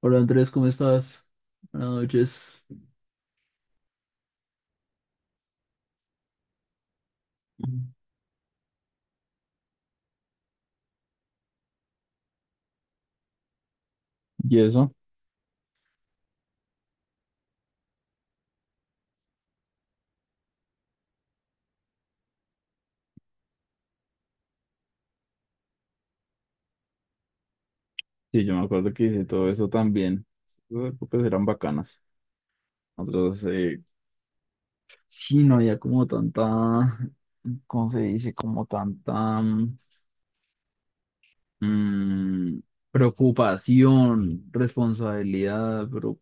Hola Andrés, ¿cómo estás? Buenas noches. Y eso, sí, yo me acuerdo que hice todo eso también. Esas épocas eran bacanas. Nosotros, sí, no había como tanta, ¿cómo se dice? Como tanta mm, preocupación, responsabilidad, pero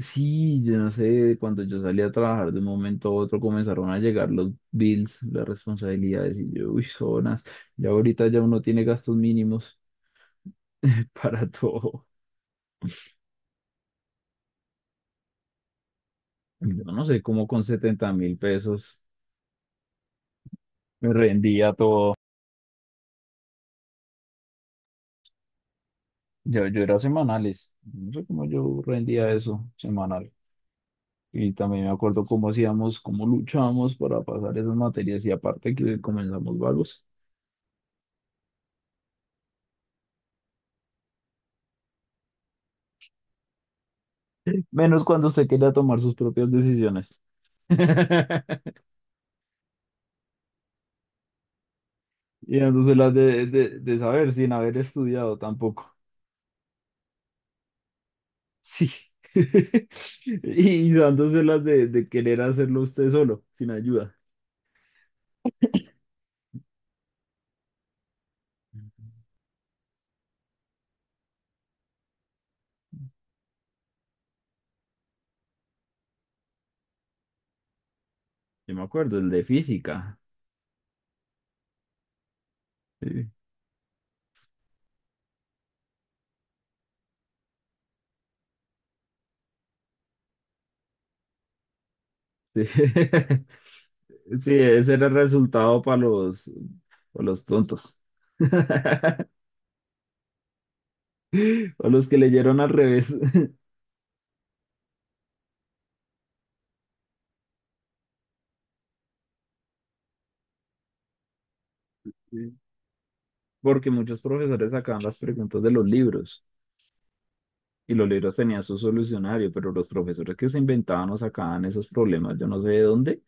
sí, yo no sé, cuando yo salí a trabajar de un momento a otro comenzaron a llegar los bills, las responsabilidades, y yo, uy, zonas, y ahorita ya uno tiene gastos mínimos. Para todo. Yo no sé cómo con $70.000 me rendía todo. Yo era semanales. No sé cómo yo rendía eso semanal. Y también me acuerdo cómo hacíamos, cómo luchábamos para pasar esas materias y aparte que comenzamos vagos. Menos cuando usted quería tomar sus propias decisiones. Y dándoselas de saber sin haber estudiado tampoco. Sí. Y dándoselas de querer hacerlo usted solo, sin ayuda. Yo me acuerdo, el de física. Sí, sí. Sí, ese era el resultado para los tontos. O los que leyeron al revés. Sí. Porque muchos profesores sacaban las preguntas de los libros y los libros tenían su solucionario, pero los profesores que se inventaban o sacaban esos problemas, yo no sé de dónde.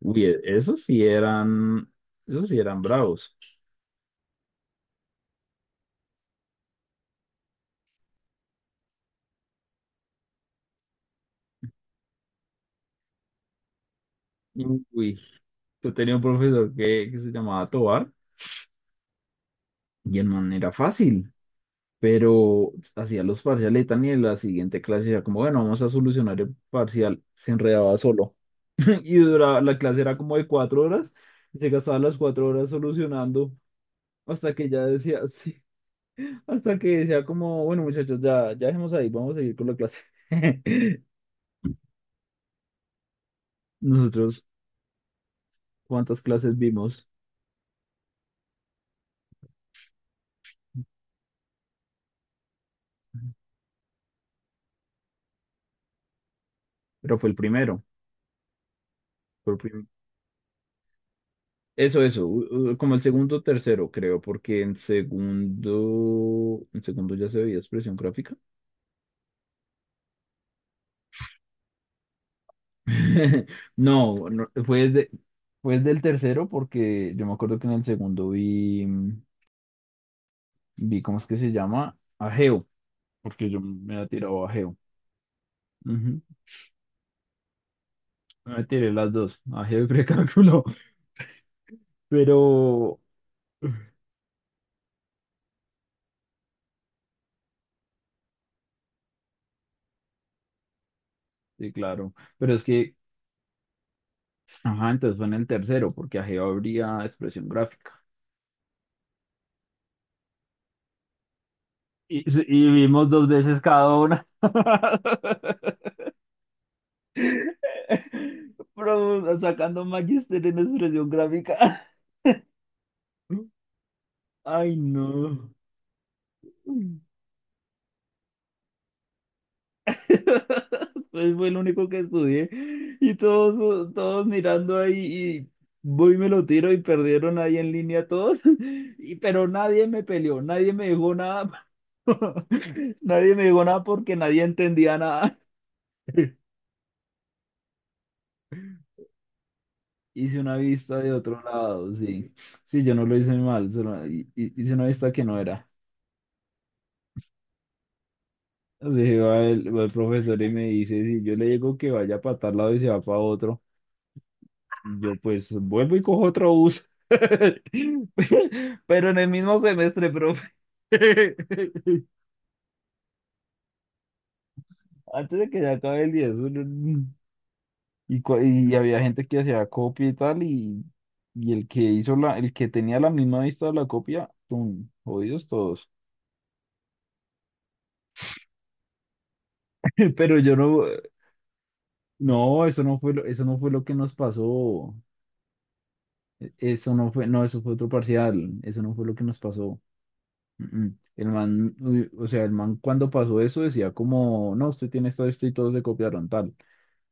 Uy, esos sí eran bravos. Uy, yo tenía un profesor que se llamaba Tobar y en manera fácil. Pero hacía los parciales y tan, y en la siguiente clase ya como, bueno, vamos a solucionar el parcial, se enredaba solo. Y duraba, la clase era como de 4 horas, y se gastaba las 4 horas solucionando, hasta que ya decía, sí, hasta que decía como, bueno, muchachos, ya, ya dejemos ahí, vamos a seguir con la clase. Nosotros, ¿cuántas clases vimos? Pero fue el primero. fue el prim- Eso, como el segundo o tercero, creo, porque en segundo ya se veía expresión gráfica. No, no, fue desde el tercero porque yo me acuerdo que en el segundo vi ¿cómo es que se llama? Ageo, porque yo me había tirado Ageo. Ujú, me tiré las dos, Ageo y precálculo, pero... Sí, claro, pero es que, ajá, entonces fue en el tercero porque Ageo habría expresión gráfica. Y, sí, y vimos dos veces cada una. Pero sacando magister en expresión gráfica. Ay, no. Pues fue el único que estudié. Y todos, todos mirando ahí y voy y me lo tiro y perdieron ahí en línea todos. Y, pero nadie me peleó, nadie me dijo nada. Nadie me dijo nada porque nadie entendía nada. Hice una vista de otro lado, sí. Sí, yo no lo hice mal, solo hice una vista que no era. Así que va el, profesor y me dice, si yo le digo que vaya para tal lado y se va para otro. Yo pues vuelvo y cojo otro bus. Pero en el mismo semestre, profe. Antes de que se acabe el 10. Y, cua- y había gente que hacía copia y tal, y el que el que tenía la misma vista de la copia, ¡tum! Jodidos todos. Pero yo no, no, eso no fue lo que nos pasó. Eso no fue, no, eso fue otro parcial. Eso no fue lo que nos pasó. Mm, mm. El man, uy, o sea, el man cuando pasó eso decía como, no, usted tiene esta lista y todos le copiaron tal,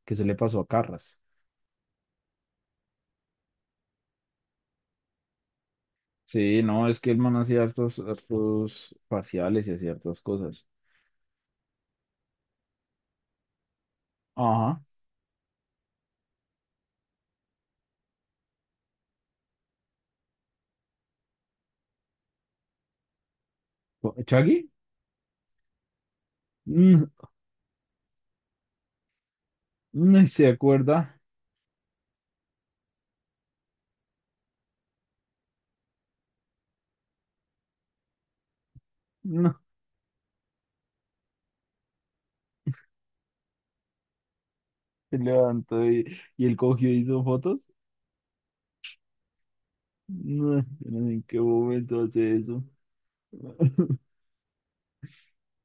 que se le pasó a Carras. Sí, no, es que el man hacía hartos, hartos parciales y hacía hartas cosas. Ajá. ¿Chaggy? No, no se acuerda. No, se levantó y, él cogió y hizo fotos. No, yo no sé en qué momento hace eso.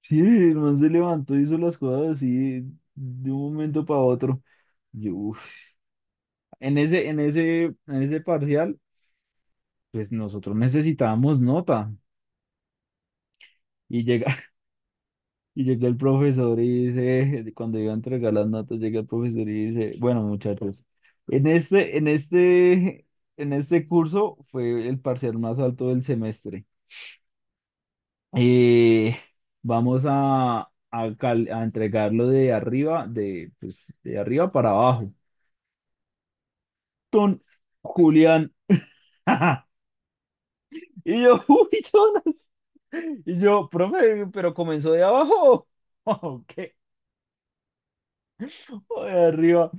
Sí, el man se levantó y hizo las cosas así de un momento para otro. Yo uf, en ese parcial, pues nosotros necesitábamos nota. Y llega, y llega el profesor y dice, cuando iba a entregar las notas, llega el profesor y dice, bueno, muchachos, en este, en este, en este curso fue el parcial más alto del semestre. Eh, vamos a entregarlo, de arriba, de, pues, de arriba para abajo. Don Julián. Y yo, uy, Jonas. Y yo, profe, pero comenzó de abajo. ¿O qué? ¿O de arriba?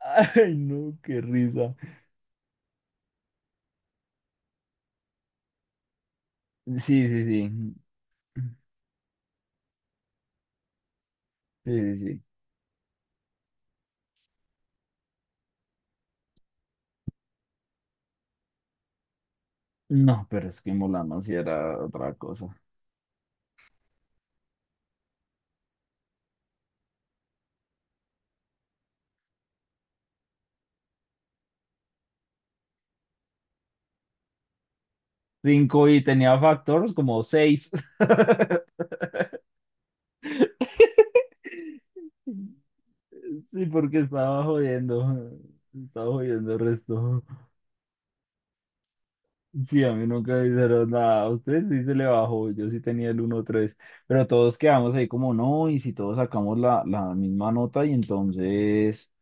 Ay, no, qué risa. Sí, sí, sí. Sí, sí, sí. No, pero es que Mulano sí era otra cosa. Cinco y tenía factores como seis. Sí, porque estaba jodiendo. Estaba jodiendo el resto. Sí, a mí nunca me dijeron nada. A ustedes sí se le bajó, yo sí tenía el uno tres. Pero todos quedamos ahí como no, y si todos sacamos la misma nota, y entonces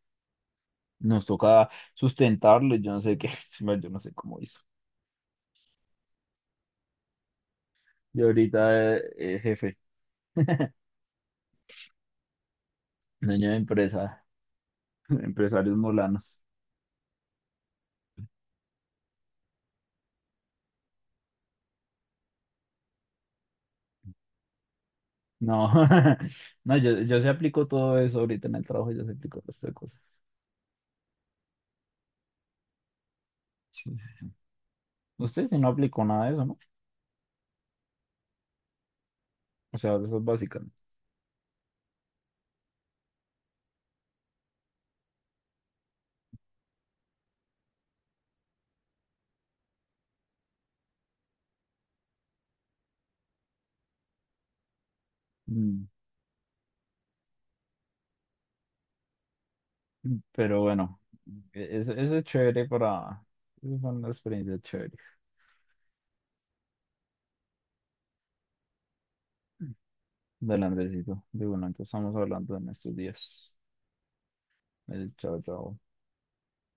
nos toca sustentarlo. Yo no sé qué, bueno, yo no sé cómo hizo. Y ahorita, jefe, dueño de empresa, empresarios molanos. No, no, yo sí aplico todo eso ahorita en el trabajo, yo sí aplico todas estas cosas. Sí, sí. Sí. Usted sí no aplicó nada de eso, ¿no? O sea, de eso es básica. ¿No? Mm, mm. Pero bueno. es eso es chévere para... Eso fue una experiencia chévere del Andresito. De bueno, entonces estamos hablando en estos días. El chao, chao.